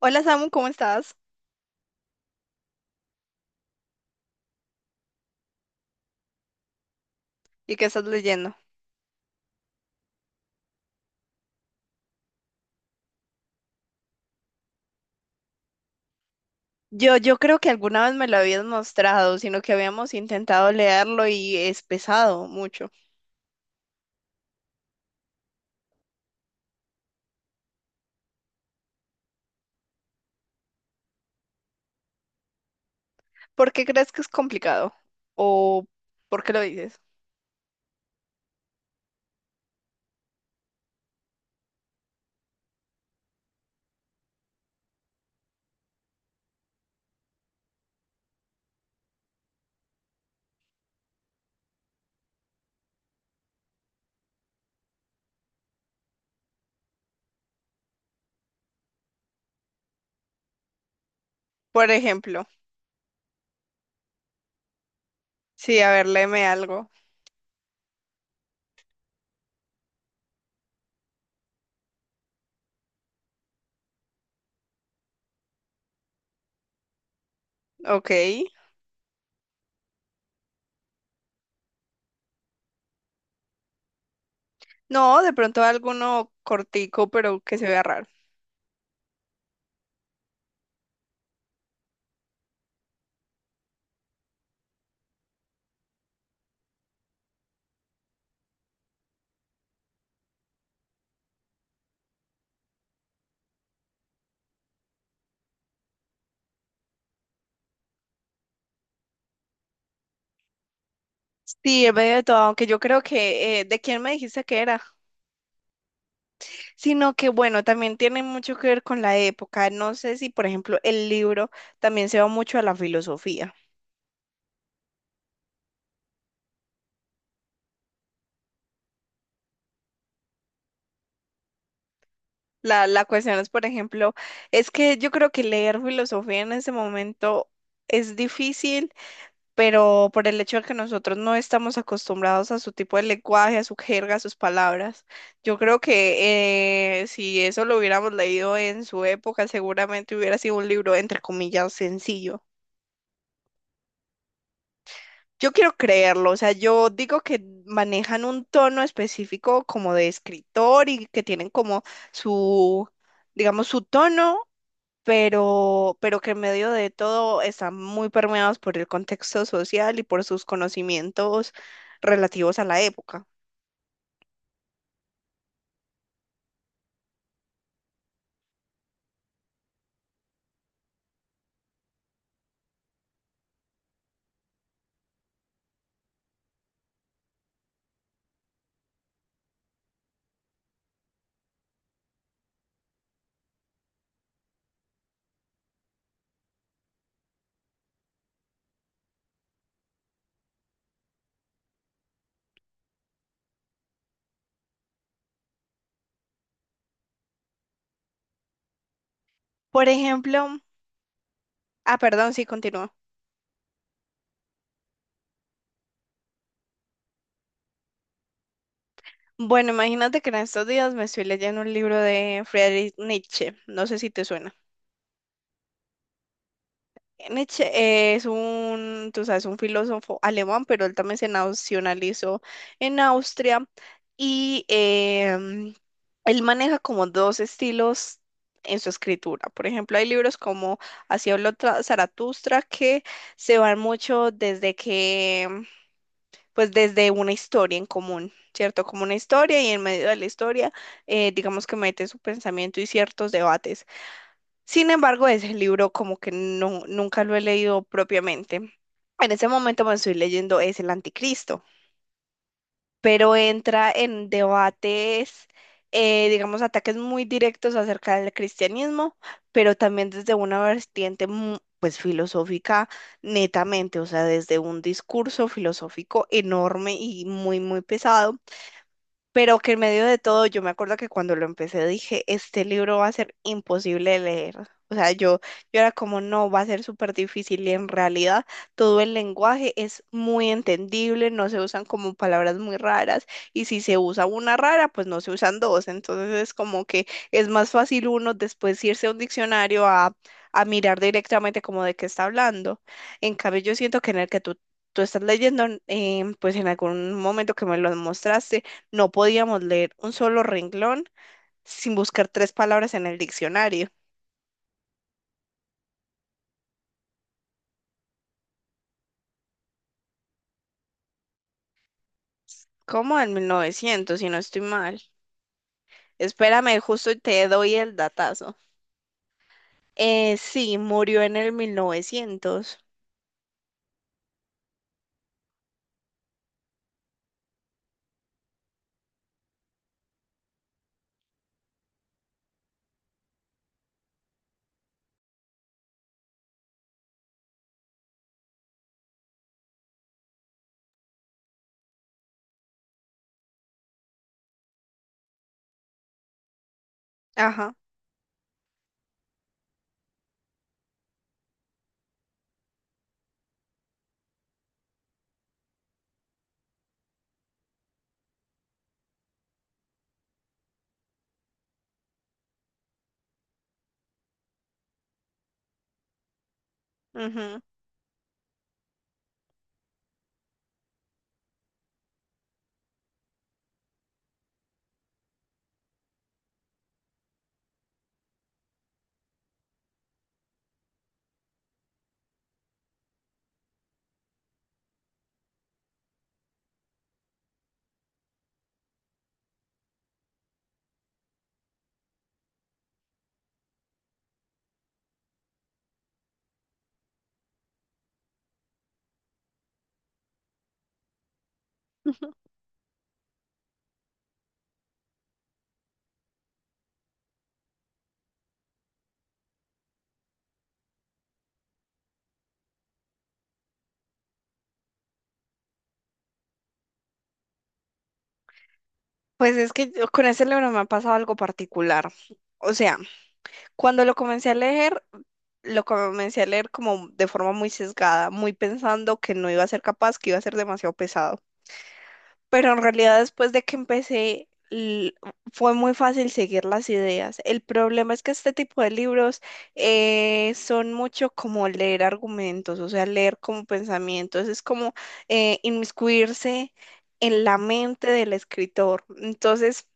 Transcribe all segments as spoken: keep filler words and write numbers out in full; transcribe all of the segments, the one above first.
Hola Samu, ¿cómo estás? ¿Y qué estás leyendo? Yo, yo creo que alguna vez me lo habías mostrado, sino que habíamos intentado leerlo y es pesado mucho. ¿Por qué crees que es complicado? ¿O por qué lo dices? Por ejemplo, sí, a ver, léeme algo. Ok. No, de pronto alguno cortico, pero que se vea raro. Sí, en medio de todo, aunque yo creo que, eh, ¿de quién me dijiste que era? Sino que, bueno, también tiene mucho que ver con la época. No sé si, por ejemplo, el libro también se va mucho a la filosofía. La, la cuestión es, por ejemplo, es que yo creo que leer filosofía en ese momento es difícil, pero por el hecho de que nosotros no estamos acostumbrados a su tipo de lenguaje, a su jerga, a sus palabras, yo creo que eh, si eso lo hubiéramos leído en su época, seguramente hubiera sido un libro, entre comillas, sencillo. Yo quiero creerlo, o sea, yo digo que manejan un tono específico como de escritor y que tienen como su digamos, su tono pero, pero que en medio de todo están muy permeados por el contexto social y por sus conocimientos relativos a la época. Por ejemplo, ah, perdón, sí, continúa. Bueno, imagínate que en estos días me estoy leyendo un libro de Friedrich Nietzsche, no sé si te suena. Nietzsche eh, es un, tú sabes, un filósofo alemán, pero él también se nacionalizó en Austria y em, él maneja como dos estilos en su escritura. Por ejemplo, hay libros como Así habló Tra- Zaratustra que se van mucho desde que, em, pues desde una historia en común. ¿Cierto? Como una historia y en medio de la historia, eh, digamos que mete su pensamiento y ciertos debates. Sin embargo, ese libro como que no, nunca lo he leído propiamente. En ese momento me estoy leyendo es El Anticristo, pero entra en debates, eh, digamos, ataques muy directos acerca del cristianismo, pero también desde una vertiente mu- pues filosófica netamente, o sea, desde un discurso filosófico enorme y muy, muy pesado, pero que en medio de todo, yo me acuerdo que cuando lo empecé dije, este libro va a ser imposible de leer. O sea, yo, yo era como, no, va a ser súper difícil y en realidad todo el lenguaje es muy entendible, no se usan como palabras muy raras y si se usa una rara, pues no se usan dos. Entonces es como que es más fácil uno después irse a un diccionario a, a mirar directamente como de qué está hablando. En cambio, yo siento que en el que tú, tú estás leyendo, eh, pues en algún momento que me lo mostraste, no podíamos leer un solo renglón sin buscar tres palabras en el diccionario. ¿Cómo? En mil novecientos, si no estoy mal. Espérame, justo te doy el datazo. Eh, sí, murió en el mil novecientos. Ajá. Ujú. Pues es que yo- con ese libro me ha pasado algo particular. O sea, cuando lo comencé a leer, lo comencé a leer como de forma muy sesgada, muy pensando que no iba a ser capaz, que iba a ser demasiado pesado. Pero en realidad después de que empecé l- fue muy fácil seguir las ideas. El problema es que este tipo de libros eh, son mucho como leer argumentos, o sea, leer como pensamientos, es como eh, inmiscuirse en la mente del escritor. Entonces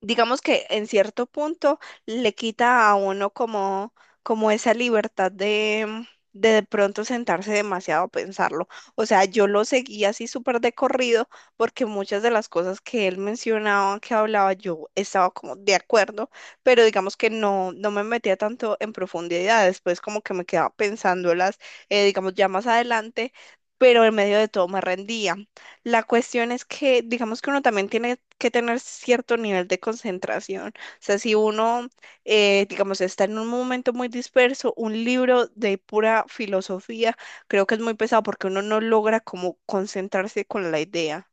digamos que en cierto punto le quita a uno como, como esa libertad de de, de pronto sentarse demasiado a pensarlo. O sea, yo lo seguía así súper de corrido porque muchas de las cosas que él mencionaba, que hablaba, yo estaba como de acuerdo, pero digamos que no, no me metía tanto en profundidad. Después como que me quedaba pensándolas, eh, digamos, ya más adelante, pero en medio de todo me rendía. La cuestión es que, digamos que uno también tiene que tener cierto nivel de concentración. O sea, si uno, eh, digamos, está en un momento muy disperso, un libro de pura filosofía, creo que es muy pesado porque uno no logra como concentrarse con la idea.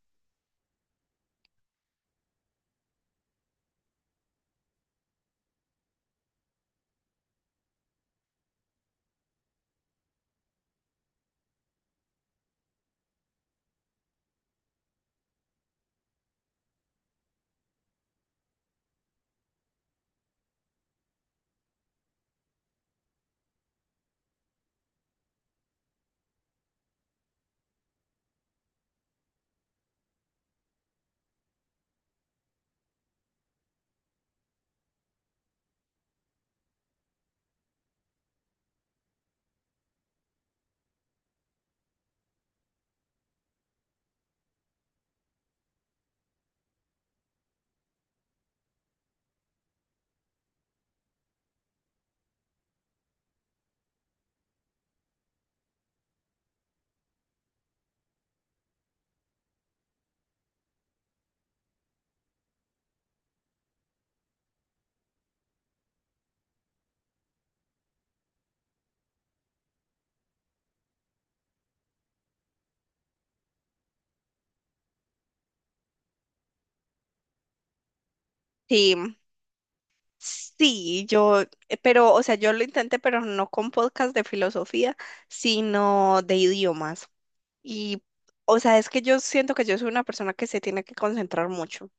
Sí, sí, yo, eh, pero, o sea, yo lo intenté, pero no con podcast de filosofía, sino de idiomas. Y, o sea, es que yo siento que yo soy una persona que se tiene que concentrar mucho. O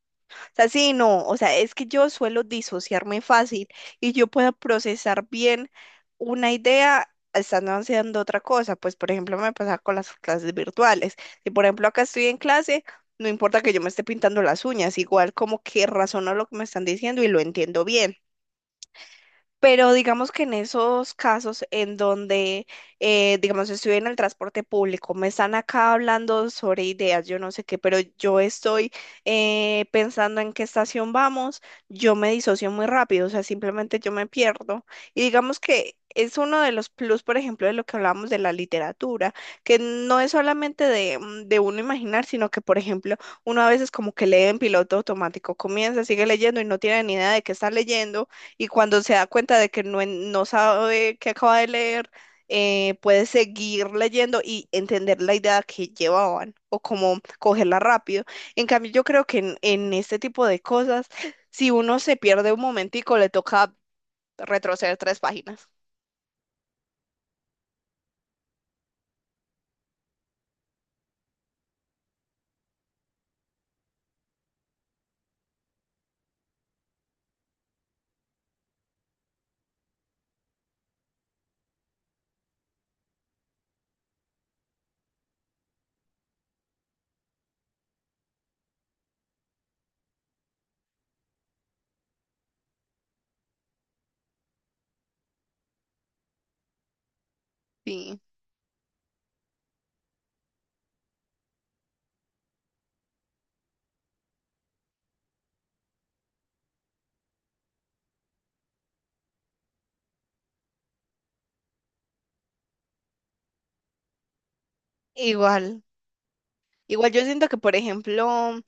sea, sí, no, o sea, es que yo suelo disociarme fácil y yo puedo procesar bien una idea estando haciendo otra cosa. Pues, por ejemplo, me pasa con las clases virtuales. Si, por ejemplo, acá estoy en clase, no importa que yo me esté pintando las uñas, igual como que razono lo que me están diciendo y lo entiendo bien. Pero digamos que en esos casos en donde, eh, digamos, estoy en el transporte público, me están acá hablando sobre ideas, yo no sé qué, pero yo estoy eh, pensando en qué estación vamos, yo me disocio muy rápido, o sea, simplemente yo me pierdo. Y digamos que es uno de los plus, por ejemplo, de lo que hablábamos de la literatura, que no es solamente de, mm, de uno imaginar, sino que, por ejemplo, uno a veces como que lee en piloto automático, comienza, sigue leyendo y no tiene ni idea de qué está leyendo y cuando se da cuenta de que no, en- no sabe qué acaba de leer, eh, puede seguir leyendo y entender la idea que llevaban o cómo cogerla rápido. En cambio, yo creo que en, en este tipo de cosas, si uno se pierde un momentico, le toca retroceder tres páginas. Sí, igual. Igual yo siento que, por ejemplo,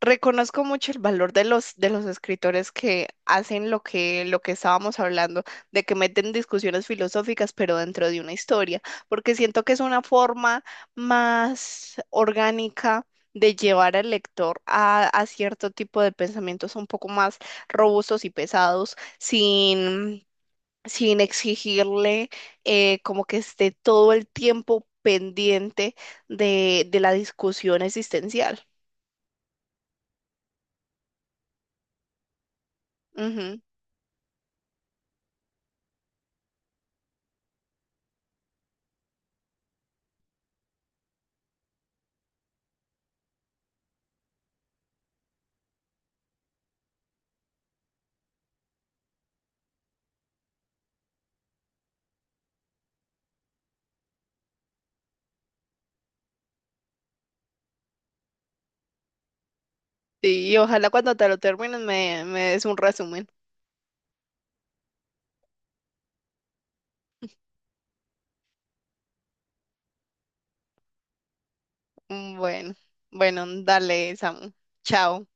reconozco mucho el valor de los, de los escritores que hacen lo que, lo que estábamos hablando, de que meten discusiones filosóficas, pero dentro de una historia, porque siento que es una forma más orgánica de llevar al lector a, a cierto tipo de pensamientos un poco más robustos y pesados, sin sin exigirle eh, como que esté todo el tiempo pendiente de, de la discusión existencial. Ujú. Sí, y ojalá cuando te lo termines me, me des un resumen. Bueno, bueno, dale, Samu. Chao.